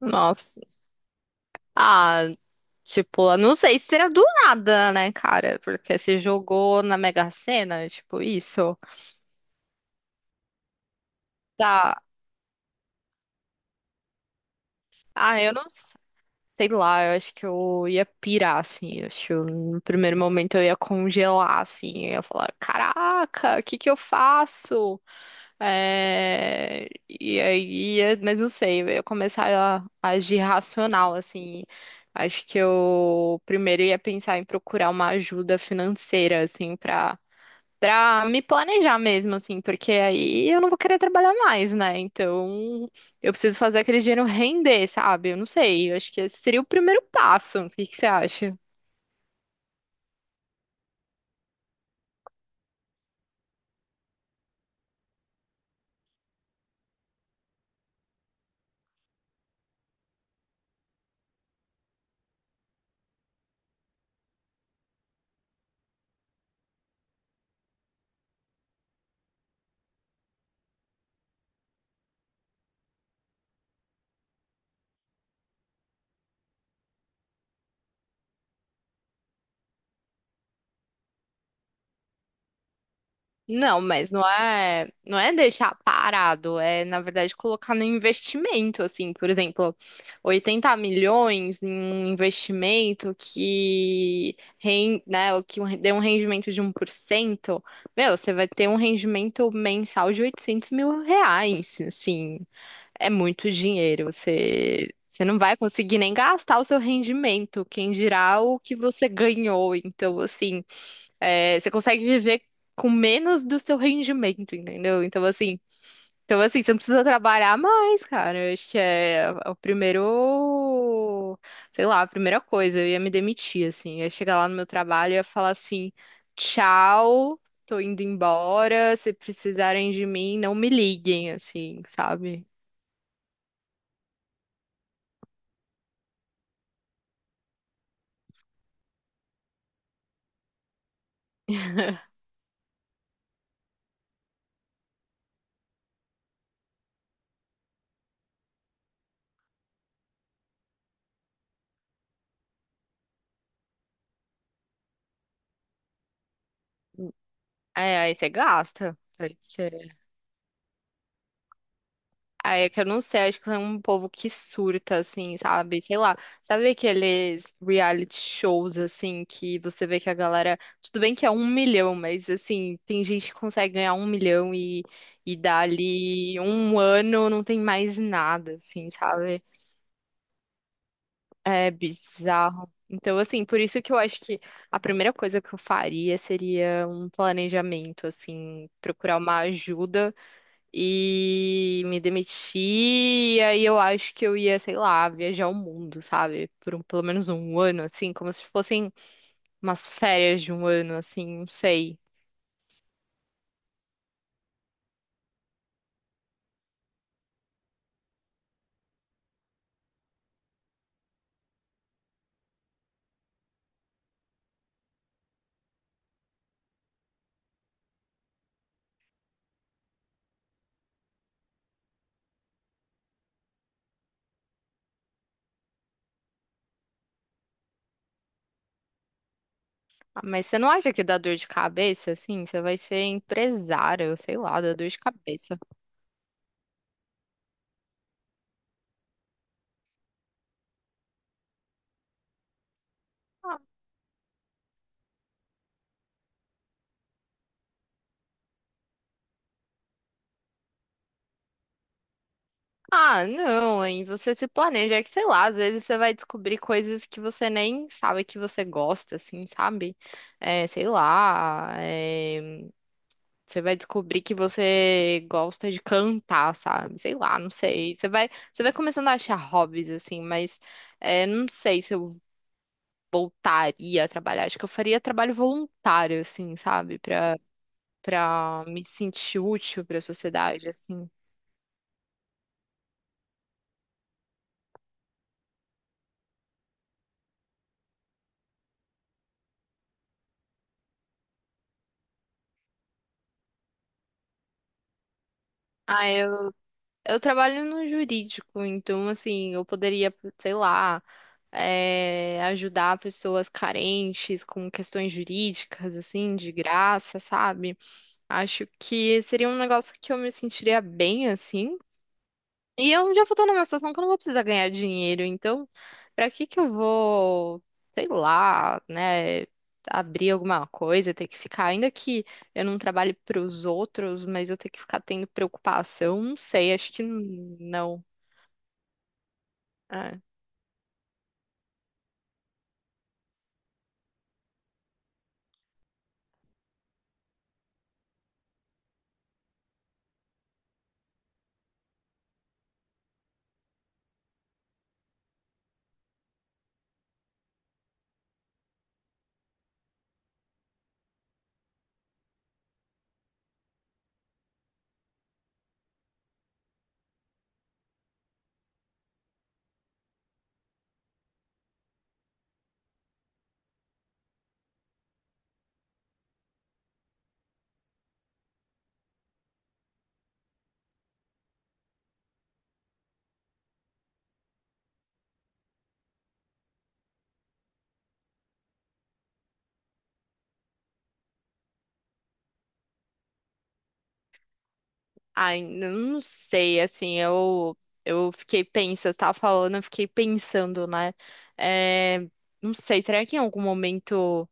Nossa. Ah, tipo, eu não sei se era do nada, né, cara? Porque se jogou na Mega Sena, tipo, isso. Tá. Ah, eu não s- sei lá, eu acho que eu ia pirar, assim. Eu acho que no primeiro momento eu ia congelar, assim. Eu ia falar, caraca, o que que eu faço? E aí, mas não sei, eu ia começar a agir racional, assim. Acho que eu primeiro ia pensar em procurar uma ajuda financeira, assim, pra me planejar mesmo, assim, porque aí eu não vou querer trabalhar mais, né? Então, eu preciso fazer aquele dinheiro render, sabe? Eu não sei, eu acho que esse seria o primeiro passo. O que que você acha? Não, mas não é deixar parado, é na verdade colocar no investimento, assim, por exemplo, 80 milhões em um investimento que, né, dê um rendimento de 1%, meu, você vai ter um rendimento mensal de 800 mil reais, assim, é muito dinheiro, você não vai conseguir nem gastar o seu rendimento, quem dirá o que você ganhou, então, assim... É, você consegue viver com menos do seu rendimento, entendeu? Então, assim, você não precisa trabalhar mais, cara. Eu acho que é o primeiro, sei lá, a primeira coisa. Eu ia me demitir, assim. Eu ia chegar lá no meu trabalho e ia falar assim: tchau, tô indo embora. Se precisarem de mim, não me liguem, assim, sabe? É, aí você gasta. Ah, é que eu não sei, acho que é um povo que surta, assim, sabe? Sei lá. Sabe aqueles reality shows, assim, que você vê que a galera. Tudo bem que é um milhão, mas, assim, tem gente que consegue ganhar um milhão e dali um ano não tem mais nada, assim, sabe? É bizarro. Então, assim, por isso que eu acho que a primeira coisa que eu faria seria um planejamento, assim, procurar uma ajuda e me demiti. E aí eu acho que eu ia, sei lá, viajar o mundo, sabe? Pelo menos um ano, assim, como se fossem umas férias de um ano, assim, não sei. Ah, mas você não acha que dá dor de cabeça, assim? Você vai ser empresária, eu sei lá, dá dor de cabeça. Ah, ah, não, hein? Você se planeja, é que sei lá, às vezes você vai descobrir coisas que você nem sabe que você gosta, assim, sabe? É, sei lá, você vai descobrir que você gosta de cantar, sabe? Sei lá, não sei. Você vai começando a achar hobbies, assim, mas é, não sei se eu voltaria a trabalhar. Acho que eu faria trabalho voluntário, assim, sabe? Pra me sentir útil pra sociedade, assim. Ah, eu trabalho no jurídico, então, assim, eu poderia, sei lá, é, ajudar pessoas carentes com questões jurídicas, assim, de graça, sabe? Acho que seria um negócio que eu me sentiria bem assim. E eu já vou estar numa situação que eu não vou precisar ganhar dinheiro, então pra que que eu vou, sei lá, né, abrir alguma coisa, ter que ficar, ainda que eu não trabalhe pros outros, mas eu ter que ficar tendo preocupação, não sei, acho que não. É. Ai, não sei, assim, eu fiquei pensando, você tava falando, eu fiquei pensando, né? É, não sei, será que em algum momento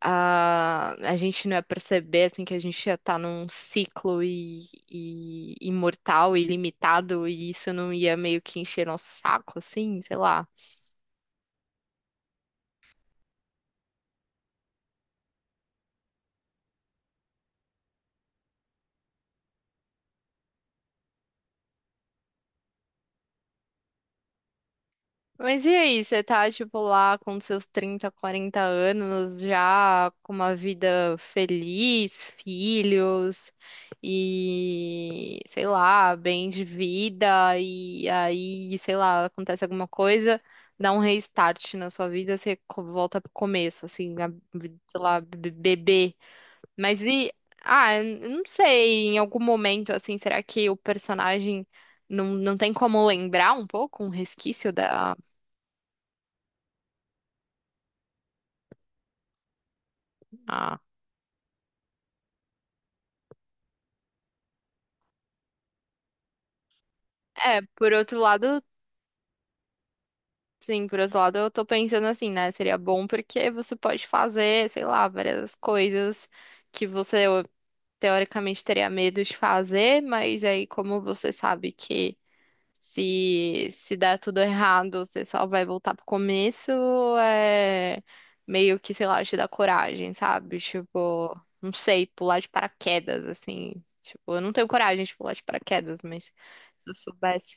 a gente não ia perceber assim que a gente ia estar num ciclo e imortal e limitado e isso não ia meio que encher nosso saco assim, sei lá. Mas e aí, você tá, tipo, lá com seus 30, 40 anos, já com uma vida feliz, filhos e, sei lá, bem de vida, e aí, sei lá, acontece alguma coisa, dá um restart na sua vida, você volta pro começo, assim, a sei lá, bebê. Mas e, ah, eu não sei, em algum momento, assim, será que o personagem não tem como lembrar um pouco, um resquício da. Ah. É, por outro lado, sim, por outro lado, eu tô pensando assim, né? Seria bom porque você pode fazer, sei lá, várias coisas que você teoricamente teria medo de fazer, mas aí como você sabe que se der tudo errado, você só vai voltar pro começo, é meio que, sei lá, te dá coragem, sabe? Tipo, não sei, pular de paraquedas, assim. Tipo, eu não tenho coragem de pular de paraquedas, mas se eu soubesse.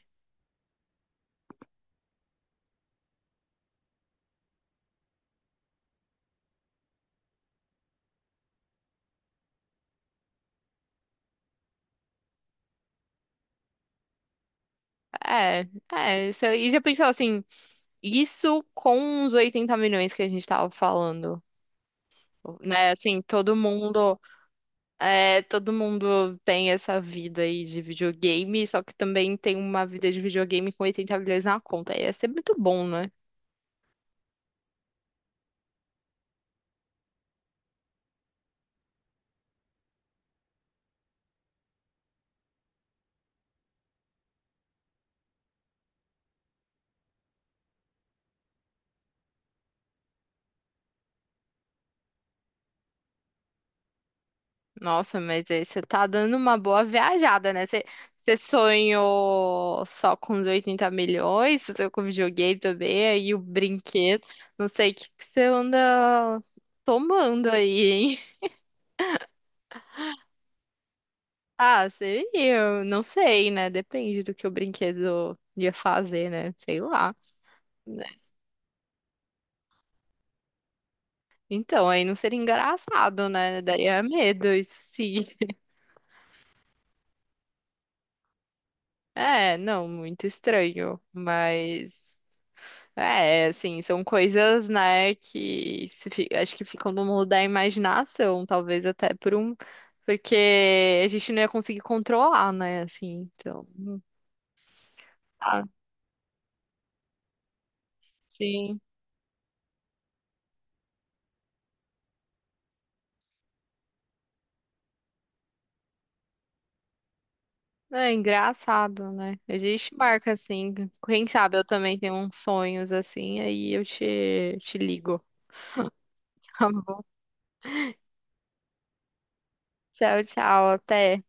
É, é, isso aí. E já pensou assim, isso com os 80 milhões que a gente tava falando, né? Assim, todo mundo, é, todo mundo tem essa vida aí de videogame, só que também tem uma vida de videogame com 80 milhões na conta. Ia ser muito bom, né? Nossa, mas aí você tá dando uma boa viajada, né? Você, você sonhou só com os 80 milhões, você sonhou com videogame também, aí o brinquedo, não sei o que que você anda tomando aí, hein? Ah, seria, eu não sei, né? Depende do que o brinquedo ia fazer, né? Sei lá. Mas- Então, aí não seria engraçado, né? Daria medo, isso sim. É, não, muito estranho. Mas, é, assim, são coisas, né, que se acho que ficam no mundo da imaginação, talvez até por um. Porque a gente não ia conseguir controlar, né? Assim, então. Ah, sim. É engraçado, né? A gente marca assim. Quem sabe eu também tenho uns sonhos assim, aí eu te ligo. Tá bom? Tchau, tchau, até.